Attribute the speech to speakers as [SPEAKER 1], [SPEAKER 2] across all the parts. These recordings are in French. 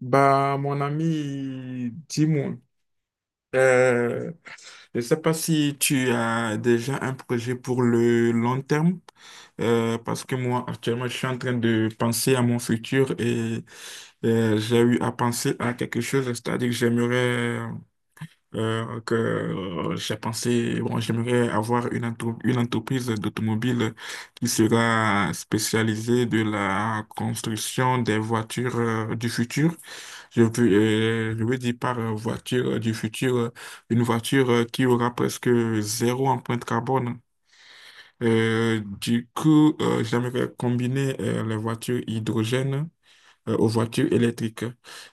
[SPEAKER 1] Bah, mon ami, dis-moi, euh, je ne sais pas si tu as déjà un projet pour le long terme, parce que moi, actuellement, je suis en train de penser à mon futur et j'ai eu à penser à quelque chose, c'est-à-dire que j'aimerais que j'ai pensé, bon, j'aimerais avoir une entreprise d'automobile qui sera spécialisée de la construction des voitures du futur. Je veux, je veux dire par voiture du futur, une voiture qui aura presque zéro empreinte carbone. Du coup, j'aimerais combiner les voitures hydrogène aux voitures électriques. Je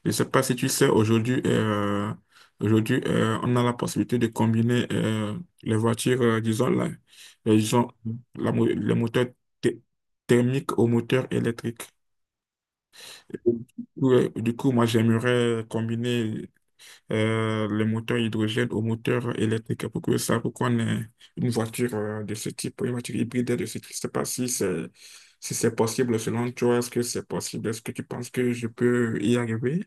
[SPEAKER 1] ne sais pas si tu sais, aujourd'hui, on a la possibilité de combiner les voitures, disons, la, les, gens- la mo- les moteurs thé- thermiques aux moteurs électriques. Et Du du coup, moi, j'aimerais combiner les moteurs hydrogène aux moteurs électriques pour que ça, pour qu'on ait une voiture de ce type, une voiture hybride de ce type. Je ne sais pas si c'est possible selon toi, est-ce que c'est possible? Est-ce que tu penses que je peux y arriver?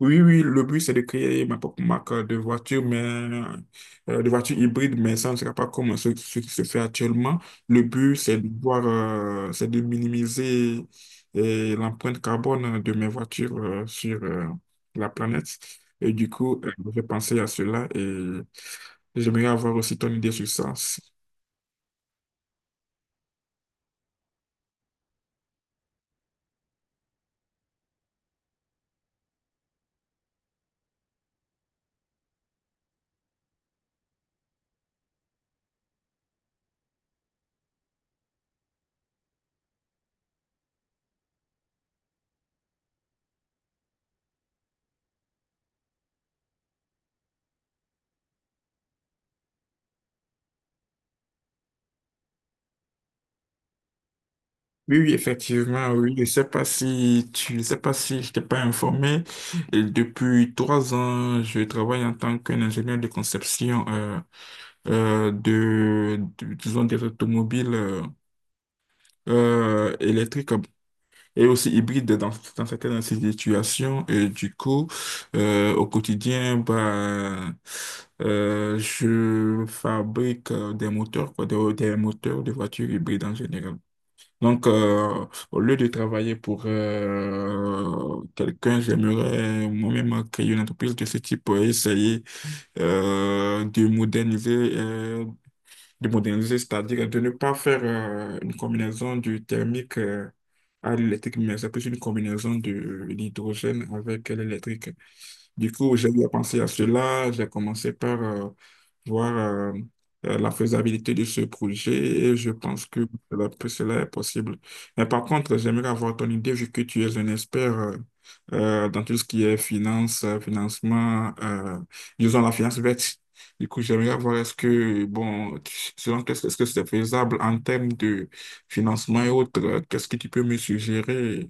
[SPEAKER 1] Oui, oui, le but, c'est de créer ma propre marque de voiture, mais de voiture hybride, mais ça ne sera pas comme ce qui se fait actuellement. Le but, c'est de minimiser l'empreinte carbone de mes voitures sur la planète. Et du coup, je vais penser à cela et j'aimerais avoir aussi ton idée sur ça. Oui, oui, effectivement, oui. Je sais pas si tu, je sais pas si je t'ai pas informé. Et depuis 3 ans, je travaille en tant qu'ingénieur de conception disons, des automobiles électriques et aussi hybrides dans certaines situations. Et du coup, au quotidien, bah, je fabrique des moteurs, quoi, des moteurs de voitures hybrides en général. Donc, au lieu de travailler pour quelqu'un, j'aimerais moi-même créer une entreprise de ce type et essayer euh, de moderniser, euh, de moderniser, c'est-à-dire de ne pas faire une combinaison du thermique à l'électrique, mais c'est plus une combinaison de l'hydrogène avec l'électrique. Du coup, j'ai eu à penser à cela. J'ai commencé par voir la faisabilité de ce projet et je pense que cela est possible. Mais par contre, j'aimerais avoir ton idée vu que tu es un expert dans tout ce qui est finance, financement, disons la finance verte. Du coup, j'aimerais voir est-ce que, bon, selon qu'est-ce est-ce que c'est faisable en termes de financement et autres, qu'est-ce que tu peux me suggérer.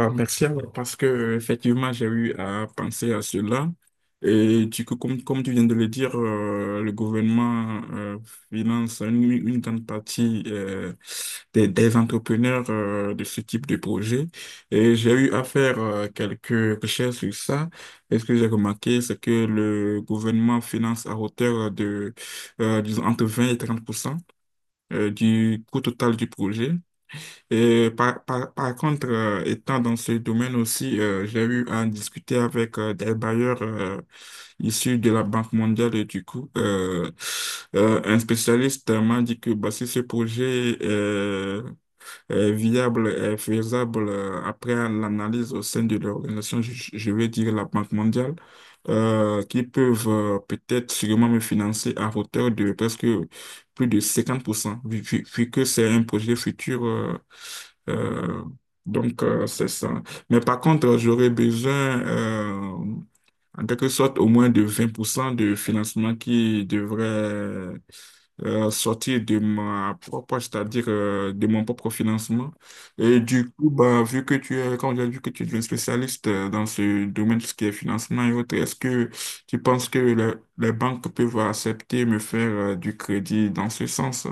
[SPEAKER 1] Ah, merci alors, parce que effectivement j'ai eu à penser à cela et du coup comme tu viens de le dire, le gouvernement finance une grande partie des entrepreneurs de ce type de projet, et j'ai eu à faire quelques recherches sur ça, et ce que j'ai remarqué, c'est que le gouvernement finance à hauteur de disons entre vingt et 30 du coût total du projet. Et par contre, étant dans ce domaine aussi, j'ai eu à discuter avec des bailleurs issus de la Banque mondiale. Et du coup, un spécialiste m'a dit que bah, si ce projet est viable, est faisable, après l'analyse au sein de l'organisation, je vais dire la Banque mondiale, qui peuvent peut-être sûrement me financer à hauteur de presque plus de 50% vu que c'est un projet futur. Euh, donc, c'est ça. Mais par contre, j'aurais besoin, euh, en quelque sorte, au moins de 20% de financement qui devrait sortir de ma propre, c'est-à-dire de mon propre financement. Et du coup, bah, vu que tu es, quand j'ai vu que tu es un spécialiste dans ce domaine, tout ce qui est financement et autres, est-ce que tu penses que les banques peuvent accepter me faire du crédit dans ce sens?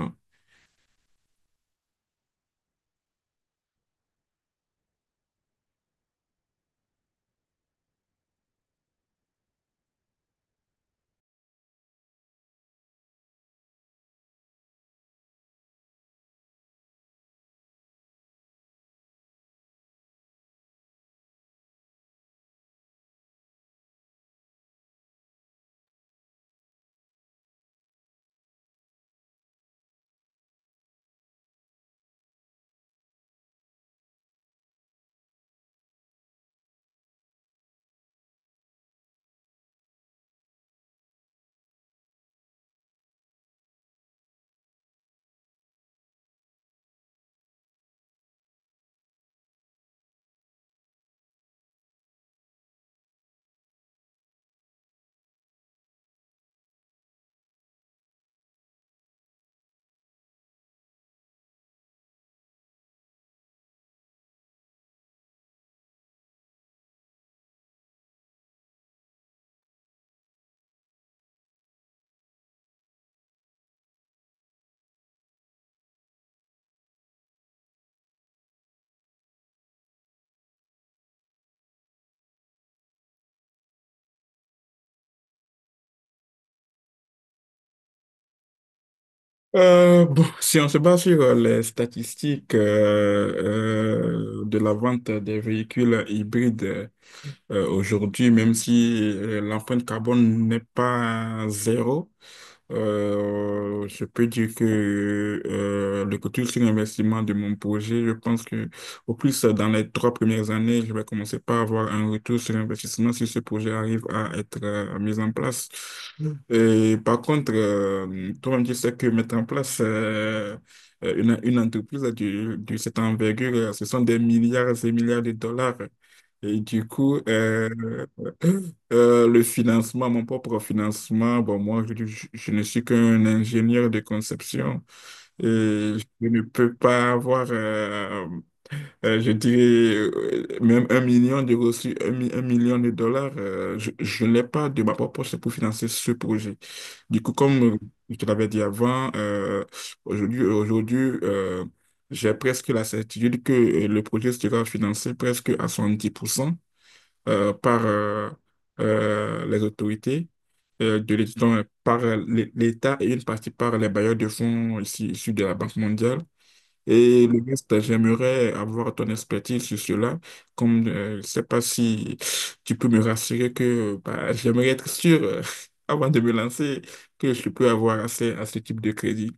[SPEAKER 1] Bon, si on se base sur les statistiques de la vente des véhicules hybrides aujourd'hui, même si l'empreinte carbone n'est pas zéro, je peux dire que le retour sur l'investissement de mon projet, je pense que au plus, dans les 3 premières années, je vais commencer par avoir un retour sur investissement si ce projet arrive à être mis en place. Mm. Et par contre, toi-même, tu sais que mettre en place une entreprise de cette envergure, ce sont des milliards et milliards de dollars. Et du coup, le financement, mon propre financement, bon, moi, je ne suis qu'un ingénieur de conception et je ne peux pas avoir, je dirais, même un million de reçus, un million de dollars. Je ne l'ai pas de ma propre poche pour financer ce projet. Du coup, comme je te l'avais dit avant, aujourd'hui, euh, j'ai presque la certitude que le projet sera financé presque à 70% par les autorités de l'État, donc, par l'État, et une partie par les bailleurs de fonds ici, issus de la Banque mondiale. Et le reste, j'aimerais avoir ton expertise sur cela. Comme je ne sais pas si tu peux me rassurer que bah, j'aimerais être sûr, avant de me lancer, que je peux avoir accès à ce type de crédit.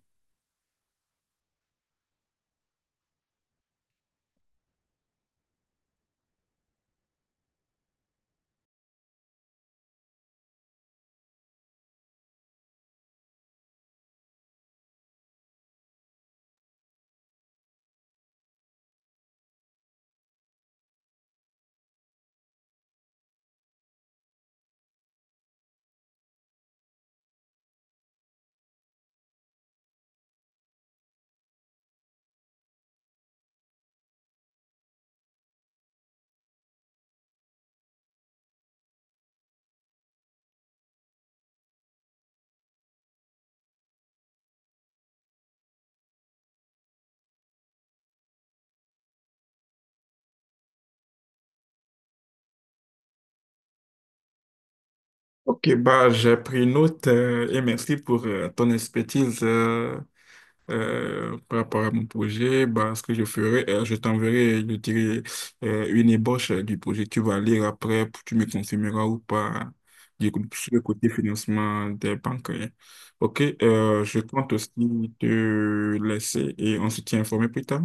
[SPEAKER 1] Ok, bah, j'ai pris note, et merci pour ton expertise. Par rapport à mon projet, bah, ce que je ferai, je t'enverrai, je dirai une ébauche du projet. Tu vas lire après, tu me confirmeras ou pas du coup, sur le côté financement des banques, hein. Ok, je compte aussi te laisser et on se tient informé plus tard.